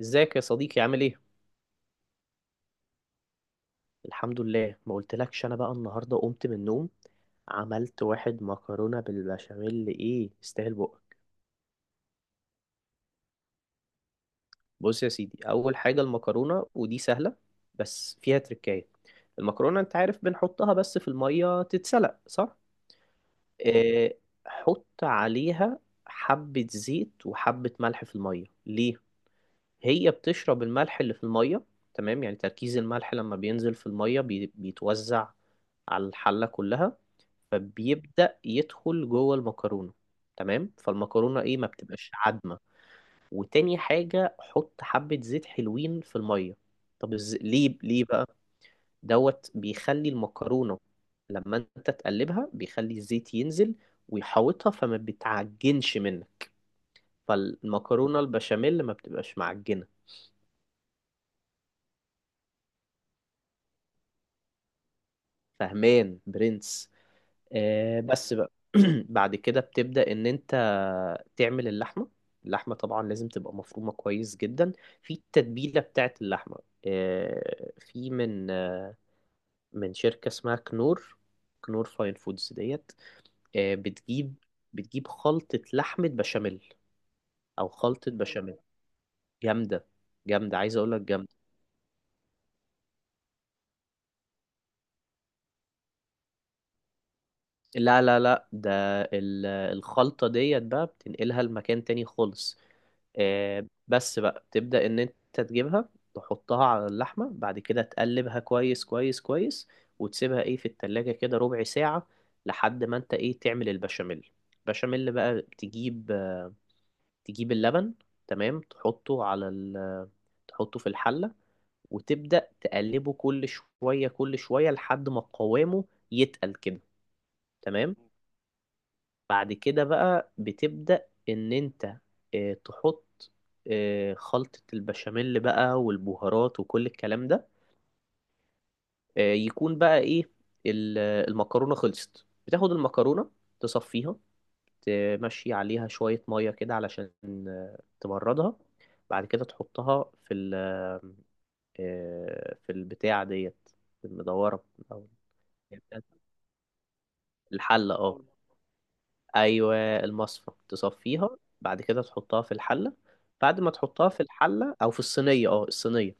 ازيك يا صديقي؟ عامل ايه؟ الحمد لله، ما قلتلكش. انا بقى النهارده قمت من النوم، عملت واحد مكرونه بالبشاميل. ايه؟ يستاهل بقك. بص يا سيدي، اول حاجه المكرونه، ودي سهله بس فيها تركايه. المكرونه انت عارف بنحطها بس في الميه تتسلق، صح؟ اه، حط عليها حبه زيت وحبه ملح في الميه. ليه؟ هي بتشرب الملح اللي في المية. تمام، يعني تركيز الملح لما بينزل في المية بيتوزع على الحلة كلها. فبيبدأ يدخل جوه المكرونة. تمام، فالمكرونة ايه ما بتبقاش عدمة. وتاني حاجة، حط حبة زيت حلوين في المية. طب ليه بقى؟ دوت بيخلي المكرونة لما انت تقلبها، بيخلي الزيت ينزل ويحوطها، فما بتعجنش منك. فالمكرونة البشاميل ما بتبقاش معجنة. فهمان برنس. بس بقى بعد كده بتبدأ ان انت تعمل اللحمة. اللحمة طبعا لازم تبقى مفرومة كويس جدا في التتبيلة بتاعت اللحمة. في من من شركة اسمها كنور. كنور فاين فودز ديت. آه، بتجيب بتجيب خلطة لحمة بشاميل او خلطة بشاميل جامدة. جامدة، عايز اقول لك جامدة. لا لا لا، ده الخلطة ديت بقى بتنقلها لمكان تاني خالص. بس بقى تبدأ ان انت تجيبها، تحطها على اللحمة. بعد كده تقلبها كويس كويس كويس وتسيبها ايه في التلاجة كده ربع ساعة، لحد ما انت ايه تعمل البشاميل. بشاميل بقى تجيب اللبن، تمام، تحطه على ال، تحطه في الحلة وتبدأ تقلبه كل شوية كل شوية لحد ما قوامه يتقل كده. تمام. بعد كده بقى بتبدأ ان انت تحط خلطة البشاميل بقى والبهارات وكل الكلام ده. يكون بقى ايه ال- المكرونة خلصت، بتاخد المكرونة تصفيها، تمشي عليها شوية مية كده علشان تبردها. بعد كده تحطها في ال، في البتاع ديت، المدورة أو الحلة. اه، ايوه، المصفى تصفيها. بعد كده تحطها في الحله. بعد ما تحطها في الحله او في الصينيه، اه الصينيه.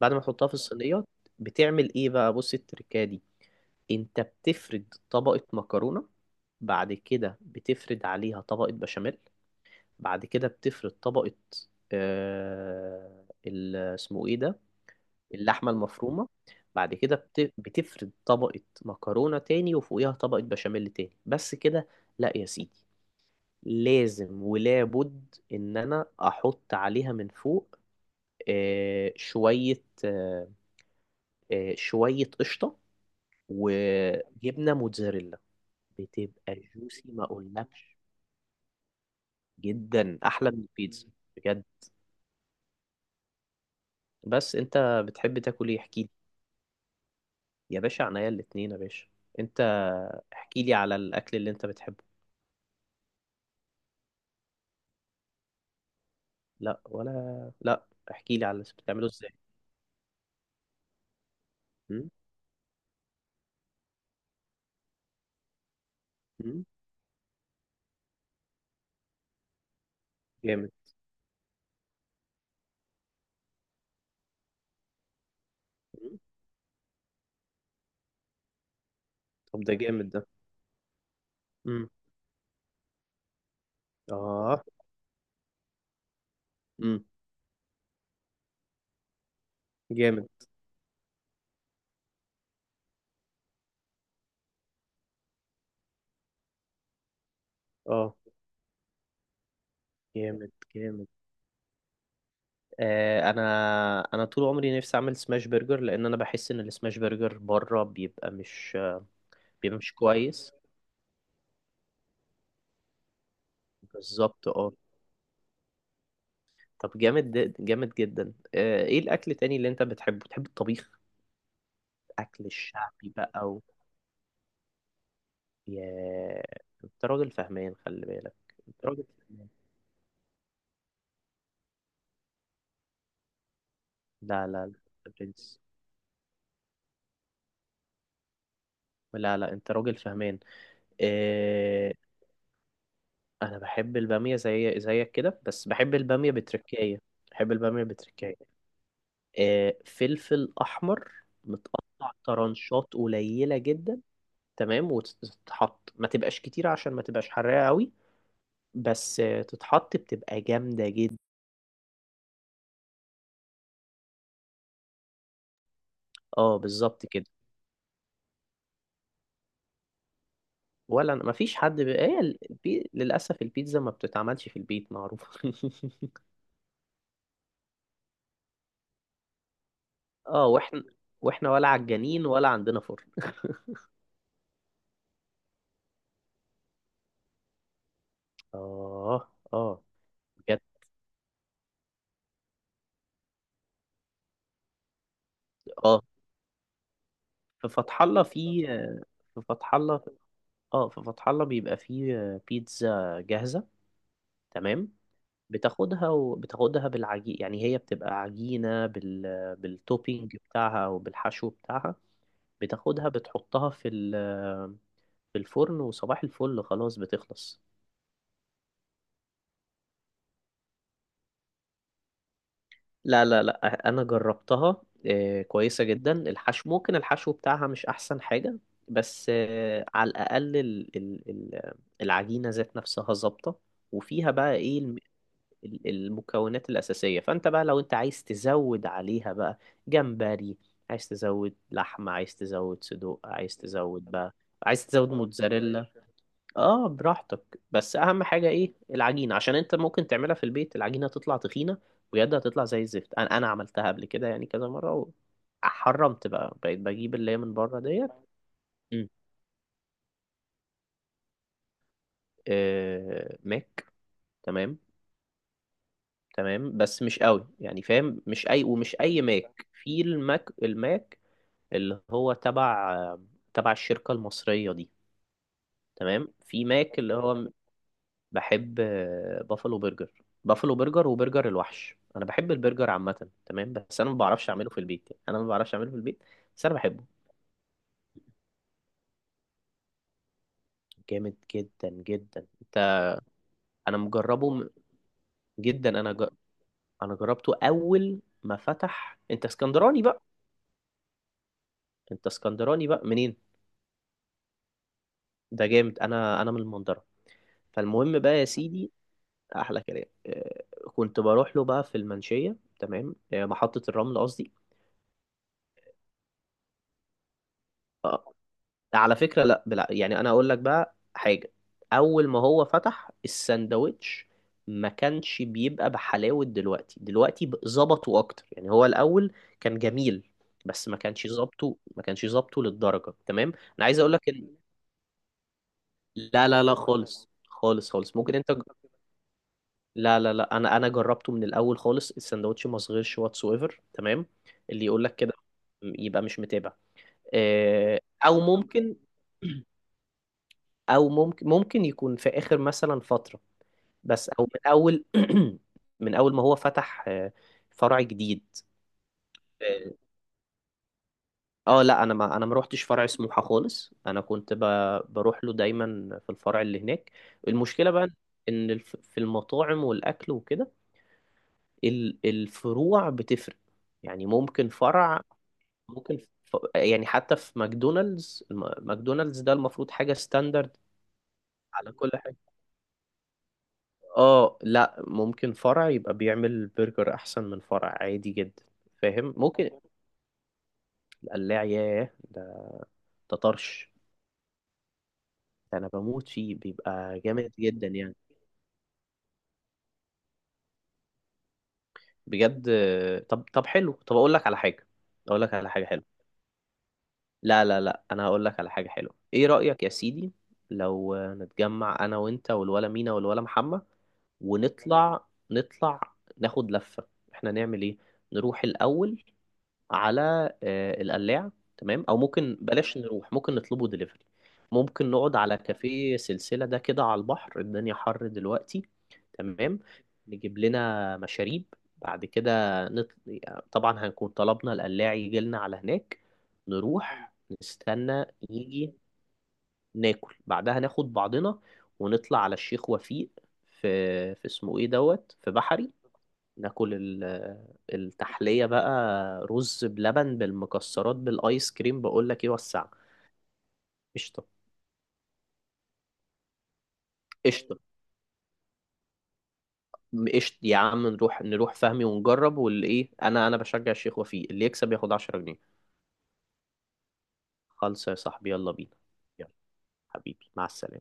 بعد ما تحطها في الصينيه، بتعمل ايه بقى؟ بص التركه دي: انت بتفرد طبقه مكرونه، بعد كده بتفرد عليها طبقه بشاميل، بعد كده بتفرد طبقه، آه اسمه ايه ده، اللحمه المفرومه. بعد كده بتفرد طبقه مكرونه تاني وفوقيها طبقه بشاميل تاني. بس كده؟ لا يا سيدي، لازم ولابد ان انا احط عليها من فوق شوية شوية قشطة وجبنة موتزاريلا. بتبقى جوسي ما اقولكش، جدا احلى من البيتزا، بجد. بس انت بتحب تاكل ايه؟ احكيلي. يا باشا عنيا الاتنين يا باشا. انت احكيلي على الاكل اللي انت بتحبه. لا ولا لا، احكيلي على بتعمله ازاي. م؟ م؟ جامد. م؟ طب ده جامد ده. م. اه. م. جامد. اه. جامد جامد. آه انا انا طول عمري نفسي اعمل سماش برجر، لان انا بحس ان السماش برجر بره بيبقى مش، بيبقى مش كويس. بالظبط، اه. طب جامد جامد جدا. آه، ايه الاكل التاني اللي انت بتحبه؟ بتحب الطبيخ؟ اكل الشعبي بقى و... يا، انت راجل فهمان، خلي بالك، انت راجل فهمان. لا لا لا، يا برنس، لا لا، انت راجل فهمان. آه، انا بحب البامية زي زيك كده، بس بحب البامية بتركاية. بحب البامية بتركاية. فلفل احمر متقطع طرنشات قليله جدا. تمام، وتتحط ما تبقاش كتير عشان ما تبقاش حراقه قوي. بس تتحط بتبقى جامده جدا. اه، بالظبط كده. ولا ما فيش حد هي للاسف البيتزا ما بتتعملش في البيت، معروف. اه، واحنا ولا عجانين ولا عندنا فرن. اه، اه، بجد. اه، في فتح الله في في فتح الله. اه، في فتح الله بيبقى فيه بيتزا جاهزة، تمام. بتاخدها، وبتاخدها بالعجين، يعني هي بتبقى عجينة بالتوبينج بتاعها او بالحشو بتاعها. بتاخدها بتحطها في الفرن، وصباح الفل خلاص بتخلص. لا لا لا، انا جربتها، كويسة جدا. الحشو ممكن الحشو بتاعها مش احسن حاجة، بس على الاقل العجينة ذات نفسها ظابطة. وفيها بقى ايه المكونات الأساسية. فأنت بقى لو أنت عايز تزود عليها بقى، جمبري، عايز تزود لحمة، عايز تزود صدوق، عايز تزود بقى، عايز تزود موتزاريلا. اه، براحتك. بس أهم حاجة إيه؟ العجينة، عشان أنت ممكن تعملها في البيت العجينة تطلع تخينة ويدها تطلع زي الزفت. أنا عملتها قبل كده يعني كذا مرة، وحرمت بقى، بقيت بجيب اللي هي من بره ديت. مم. آه، ماك. تمام. تمام بس مش قوي، يعني فاهم، مش اي ومش اي ماك. في الماك، الماك اللي هو تبع، تبع الشركة المصرية دي. تمام. في ماك اللي هو، بحب بافلو برجر. بافلو برجر وبرجر الوحش. انا بحب البرجر عامة، تمام، بس انا ما بعرفش اعمله في البيت، يعني انا ما بعرفش اعمله في البيت. بس انا بحبه. جامد جدا جدا. انت، انا مجربه جدا. انا جربته اول ما فتح. انت اسكندراني بقى؟ انت اسكندراني بقى منين؟ ده جامد. انا من المنظرة. فالمهم بقى يا سيدي، احلى كلام. كنت بروح له بقى في المنشيه، تمام، محطه الرمل قصدي. آه، على فكره لا بلا، يعني انا اقول لك بقى حاجه: اول ما هو فتح الساندوتش ما كانش بيبقى بحلاوه دلوقتي. دلوقتي ظبطوا اكتر، يعني هو الاول كان جميل، بس ما كانش ظبطه، ما كانش ظبطه للدرجه. تمام. انا عايز اقول لك ان، لا لا لا، خالص خالص خالص. ممكن انت، لا لا لا، انا جربته من الاول خالص، السندوتش ما صغيرش، واتس ايفر. تمام. اللي يقول لك كده يبقى مش متابع. آه، او ممكن او ممكن ممكن يكون في اخر مثلا فتره، بس او من اول من اول ما هو فتح فرع جديد. اه. لا، انا ما روحتش فرع سموحه خالص. بروح له دايما في الفرع اللي هناك. المشكله بقى، ان في المطاعم والاكل وكده الفروع بتفرق. يعني ممكن فرع، ممكن يعني حتى في ماكدونالدز ماكدونالدز ده المفروض حاجة ستاندرد على كل حاجة. اه، لا، ممكن فرع يبقى بيعمل برجر احسن من فرع عادي جدا، فاهم؟ ممكن. القلاع ياه ده، ده طرش، ده انا بموت فيه، بيبقى جامد جدا يعني، بجد. طب طب حلو، طب اقول لك على حاجة، اقول لك على حاجة حلوة. لا لا لا، انا هقول لك على حاجه حلوه. ايه رايك يا سيدي لو نتجمع انا وانت والولا مينا والولا محمد، ونطلع نطلع ناخد لفه؟ احنا نعمل ايه؟ نروح الاول على القلاع. تمام. او ممكن بلاش نروح، ممكن نطلبه دليفري. ممكن نقعد على كافيه سلسلة ده كده على البحر، الدنيا حر دلوقتي. تمام. نجيب لنا مشاريب، بعد كده نط... طبعا هنكون طلبنا القلاع يجي لنا على هناك. نروح، نستنى يجي، ناكل، بعدها ناخد بعضنا ونطلع على الشيخ وفيق. في في اسمه ايه دوت، في بحري. ناكل التحلية بقى، رز بلبن بالمكسرات بالايس كريم. بقول لك ايه، وسع. قشطة. قشطة. قشطة يا عم، نروح، نروح فهمي ونجرب، واللي ايه، انا بشجع الشيخ وفيق، اللي يكسب ياخد 10 جنيه. خالص يا صاحبي، يلا بينا. يلا، حبيبي، مع السلامة.